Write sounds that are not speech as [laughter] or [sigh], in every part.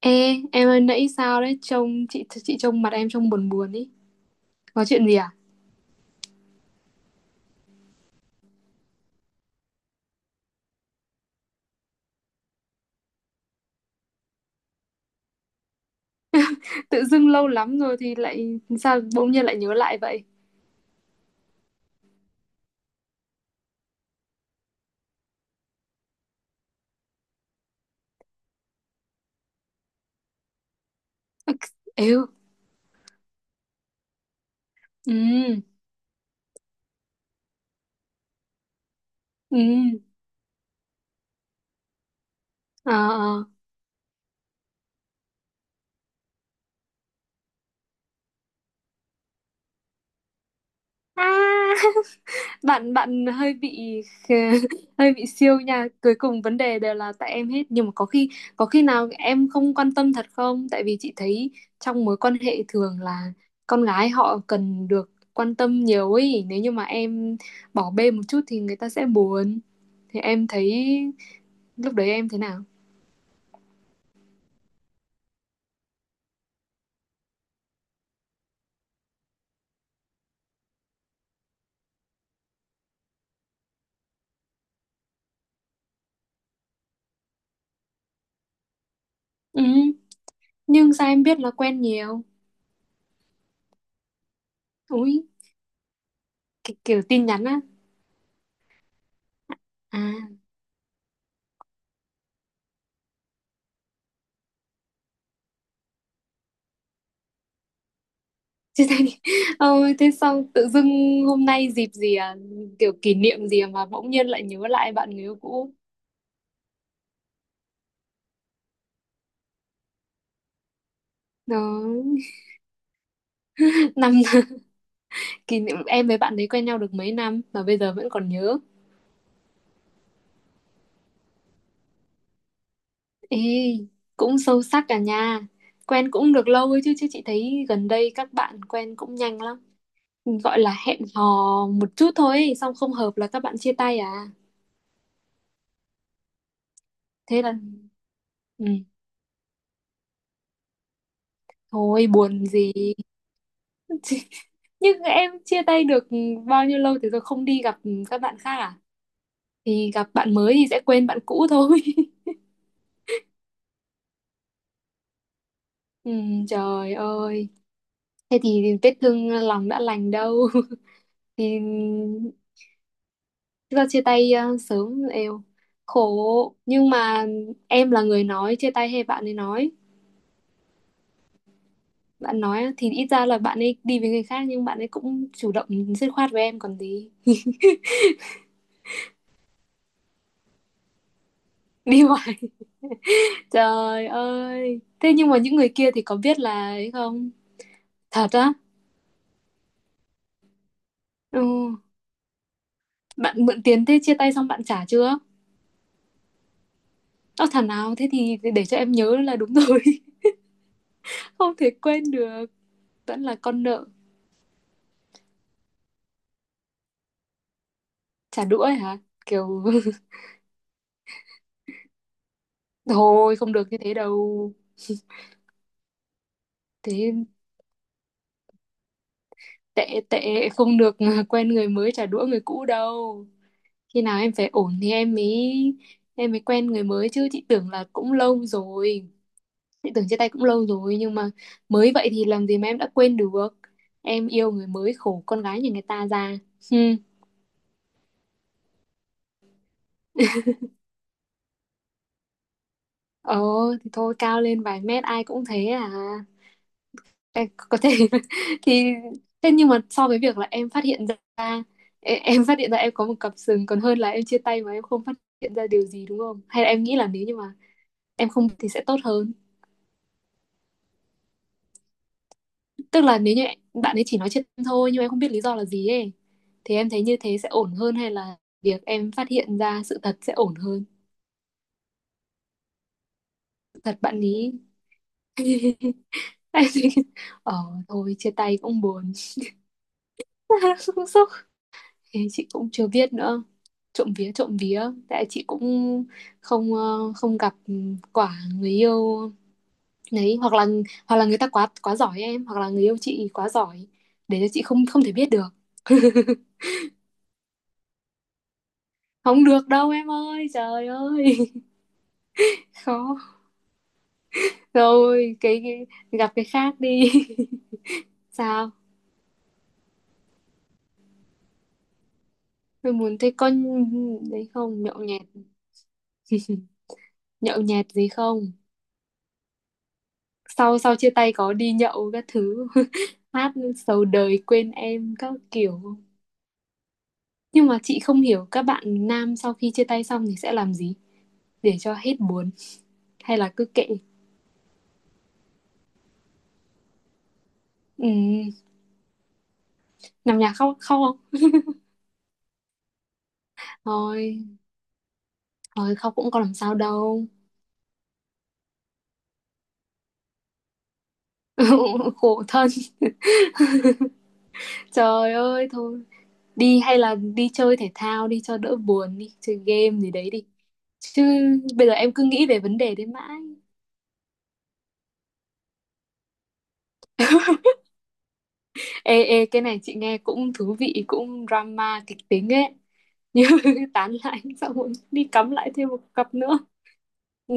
Ê, em ơi, nãy sao đấy, trông chị trông mặt em trông buồn buồn ý, có chuyện gì à? Tự dưng lâu lắm rồi thì lại sao bỗng nhiên lại nhớ lại vậy? Êu. Ừ. Ừ. Ờ. Ờ. À. [laughs] bạn bạn hơi bị, [laughs] hơi bị siêu nha, cuối cùng vấn đề đều là tại em hết. Nhưng mà có khi, có khi nào em không quan tâm thật không, tại vì chị thấy trong mối quan hệ thường là con gái họ cần được quan tâm nhiều ấy, nếu như mà em bỏ bê một chút thì người ta sẽ buồn. Thì em thấy lúc đấy em thế nào? Ừ, nhưng sao em biết là quen nhiều? Úi. Cái kiểu tin nhắn á. À. Chia tay. [laughs] Ôi, thế xong tự dưng hôm nay dịp gì à? Kiểu kỷ niệm gì mà bỗng nhiên lại nhớ lại bạn người yêu cũ. Đó. [laughs] Năm, [laughs] kỷ niệm em với bạn ấy quen nhau được mấy năm mà bây giờ vẫn còn nhớ. Ê, cũng sâu sắc cả nha. Quen cũng được lâu ấy chứ, chứ chị thấy gần đây các bạn quen cũng nhanh lắm, gọi là hẹn hò một chút thôi ấy, xong không hợp là các bạn chia tay à. Thế là, ừ, thôi buồn gì. Nhưng em chia tay được bao nhiêu lâu thì rồi không đi gặp các bạn khác à? Thì gặp bạn mới thì sẽ quên bạn cũ thôi. [laughs] ừ, trời ơi, thế thì vết thương lòng đã lành đâu. [laughs] thì do chia tay sớm, eo khổ. Nhưng mà em là người nói chia tay hay bạn ấy nói? Bạn nói á, thì ít ra là bạn ấy đi với người khác nhưng bạn ấy cũng chủ động dứt khoát với em còn gì. Đi hoài, [laughs] trời ơi. Thế nhưng mà những người kia thì có biết là ấy không? Thật á? Ừ. Bạn mượn tiền, thế chia tay xong bạn trả chưa? Ơ, thằng nào thế thì để cho em nhớ là đúng rồi, [laughs] không thể quên được, vẫn là con nợ. Trả đũa ấy hả? Kiểu, [laughs] thôi không được như thế đâu. Thế tệ, tệ không được, [laughs] quen người mới trả đũa người cũ đâu. Khi nào em phải ổn thì em mới quen người mới chứ. Chị tưởng là cũng lâu rồi, chị tưởng chia tay cũng lâu rồi, nhưng mà mới vậy thì làm gì mà em đã quên được. Em yêu người mới khổ con gái nhà người ta ra. Hmm. Ờ, thì thôi, cao lên vài mét ai cũng thế à. Em có thể, [laughs] thì thế nhưng mà so với việc là em phát hiện ra, em phát hiện ra em có một cặp sừng còn hơn là em chia tay mà em không phát hiện ra điều gì, đúng không? Hay là em nghĩ là nếu như mà em không thì sẽ tốt hơn? Tức là nếu như bạn ấy chỉ nói trên thôi nhưng em không biết lý do là gì ấy, thì em thấy như thế sẽ ổn hơn hay là việc em phát hiện ra sự thật sẽ ổn hơn? Sự thật bạn ý. [laughs] em thấy, ờ, thôi chia tay cũng buồn, [laughs] cũng sốc. Thế chị cũng chưa biết nữa, trộm vía, trộm vía, tại chị cũng không gặp quả người yêu đấy, hoặc là, hoặc là người ta quá, quá giỏi em, hoặc là người yêu chị quá giỏi để cho chị không không thể biết được. Không được đâu em ơi, trời ơi, [laughs] khó. Rồi cái gặp cái khác đi. [laughs] Sao? Tôi muốn thấy con đấy không nhậu nhẹt, nhậu nhẹt gì không? Sau, sau chia tay có đi nhậu các thứ, [laughs] hát sầu đời quên em các kiểu, không? Nhưng mà chị không hiểu các bạn nam sau khi chia tay xong thì sẽ làm gì để cho hết buồn, hay là cứ kệ? Ừ, nằm nhà khóc, khóc không? Thôi, thôi khóc cũng có làm sao đâu. [laughs] Khổ thân. Trời ơi, thôi đi, hay là đi chơi thể thao đi cho đỡ buồn, đi chơi game gì đấy đi chứ bây giờ em cứ nghĩ về vấn đề đấy mãi. [laughs] ê ê, cái này chị nghe cũng thú vị, cũng drama, kịch tính ấy, [laughs] như tán lại xong rồi đi cắm lại thêm một cặp nữa. Ừ.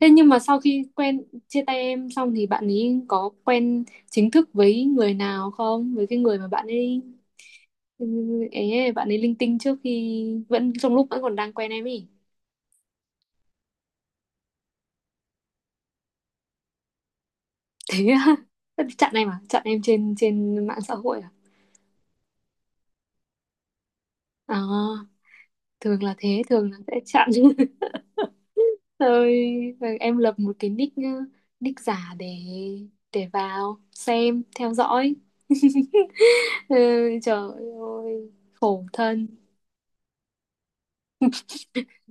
Thế nhưng mà sau khi quen chia tay em xong thì bạn ấy có quen chính thức với người nào không, với cái người mà bạn ấy, ừ, ấy, bạn ấy linh tinh trước khi, vẫn trong lúc vẫn còn đang quen em ấy? Thế á? [laughs] chặn em à, chặn em trên, trên mạng xã hội à? À, thường là thế, thường là sẽ chặn. [laughs] rồi, rồi em lập một cái nick, nick giả để vào xem theo dõi. [laughs] Ừ, trời ơi, khổ thân.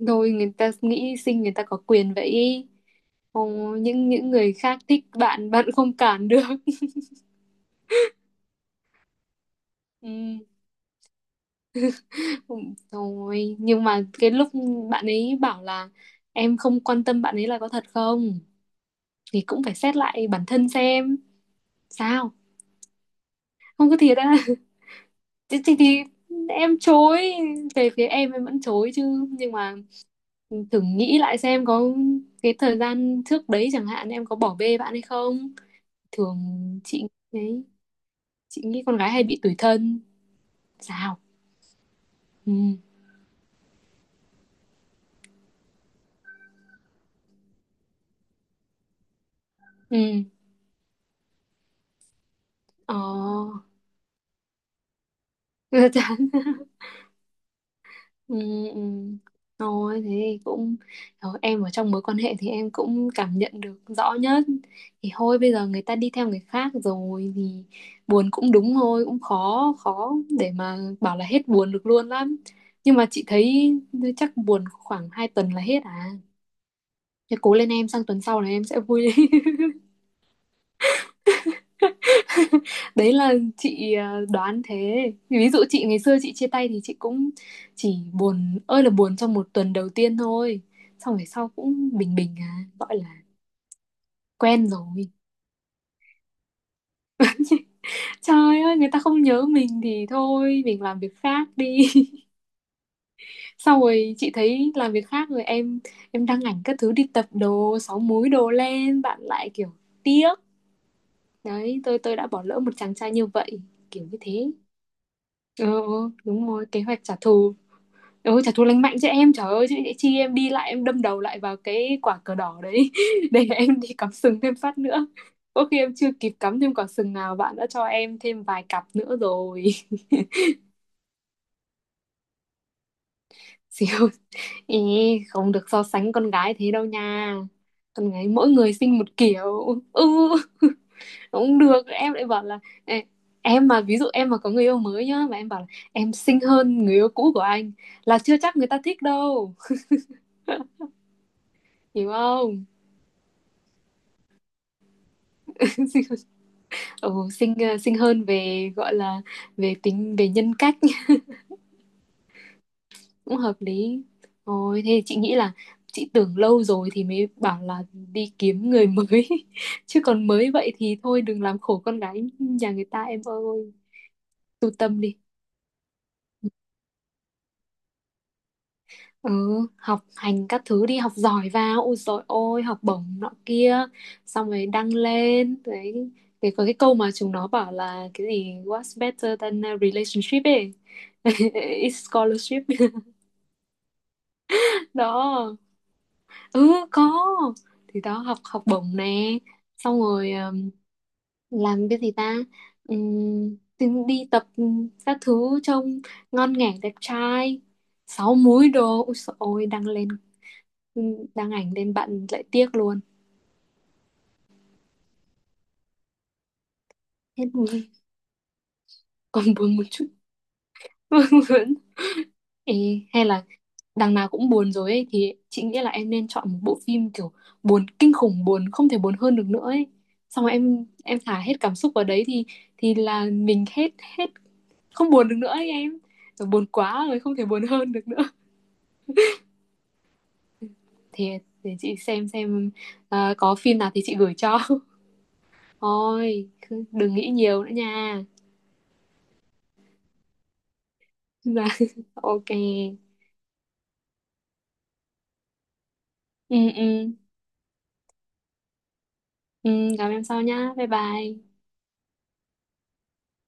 Thôi, người ta nghĩ sinh người ta có quyền vậy ý. Ồ, những người khác thích bạn, bạn không cản được. [laughs] ừ, thôi nhưng mà cái lúc bạn ấy bảo là em không quan tâm bạn ấy là có thật không? Thì cũng phải xét lại bản thân xem sao. Không có thiệt á? Thì, em chối. Về phía em vẫn chối chứ, nhưng mà thử nghĩ lại xem có, cái thời gian trước đấy chẳng hạn em có bỏ bê bạn hay không. Thường chị đấy, chị nghĩ con gái hay bị tủi thân. Sao? Ừ. Ừ. Ờ. [laughs] chán. Ừ, ừ. Thôi thế thì cũng, ờ, em ở trong mối quan hệ thì em cũng cảm nhận được rõ nhất. Thì thôi bây giờ người ta đi theo người khác rồi thì buồn cũng đúng thôi, cũng khó, khó để mà bảo là hết buồn được luôn lắm. Nhưng mà chị thấy chắc buồn khoảng 2 tuần là hết à, thế cố lên em, sang tuần sau là em sẽ vui lên. [laughs] [laughs] đấy là chị, đoán thế. Ví dụ chị ngày xưa chị chia tay thì chị cũng chỉ buồn ơi là buồn trong một tuần đầu tiên thôi, xong về sau cũng bình bình à, gọi là quen rồi. Trời ơi, người ta không nhớ mình thì thôi mình làm việc khác đi. [laughs] sau rồi chị thấy làm việc khác rồi, em đăng ảnh các thứ đi tập đồ, sáu múi đồ lên, bạn lại kiểu tiếc đấy, tôi đã bỏ lỡ một chàng trai như vậy, kiểu như thế. Ờ ờ, đúng rồi, kế hoạch trả thù. Ừ, trả thù lành mạnh chứ em, trời ơi, chứ chi em đi lại em đâm đầu lại vào cái quả cờ đỏ đấy [laughs] để em đi cắm sừng thêm phát nữa, có khi em chưa kịp cắm thêm quả sừng nào bạn đã cho em thêm vài cặp nữa rồi. [laughs] xíu, ý, không được so sánh con gái thế đâu nha, con gái mỗi người sinh một kiểu. Ừ, không được, em lại bảo là, "Ê, em mà ví dụ em mà có người yêu mới nhá mà em bảo là em xinh hơn người yêu cũ của anh là chưa chắc người ta thích đâu, hiểu không?" [laughs] Ừ, xinh hơn về, gọi là, về tính, về nhân cách, [laughs] cũng hợp lý. Ôi thế thì chị nghĩ là, chị tưởng lâu rồi thì mới bảo là đi kiếm người mới, [laughs] chứ còn mới vậy thì thôi đừng làm khổ con gái nhà người ta em ơi, tu tâm đi. Ừ, học hành các thứ đi, học giỏi vào, ôi dồi ôi, học bổng nọ kia, xong rồi đăng lên đấy. Cái có cái câu mà chúng nó bảo là cái gì what's better than a relationship ấy, [laughs] is scholarship. Đó. Ừ, có. Thì đó, học, học bổng nè, xong rồi làm cái gì ta. Thì đi tập các thứ trông ngon nghẻ, đẹp trai, sáu múi đồ, ôi dồi ôi đăng lên, đăng ảnh lên bạn lại tiếc luôn. Hết buồn, còn buồn một chút, [laughs] buồn. Ê, hay là đằng nào cũng buồn rồi ấy thì chị nghĩ là em nên chọn một bộ phim kiểu buồn kinh khủng, buồn không thể buồn hơn được nữa ấy, xong rồi em thả hết cảm xúc vào đấy thì là mình hết, hết, không buồn được nữa ấy em. Rồi buồn quá rồi không thể buồn hơn được nữa thì, để chị xem xem. Có phim nào thì chị gửi cho. [laughs] thôi cứ đừng nghĩ nhiều nữa nha. [laughs] Dạ, ok. Ừ, ừ. Ừ, gặp em sau nhá, bye bye.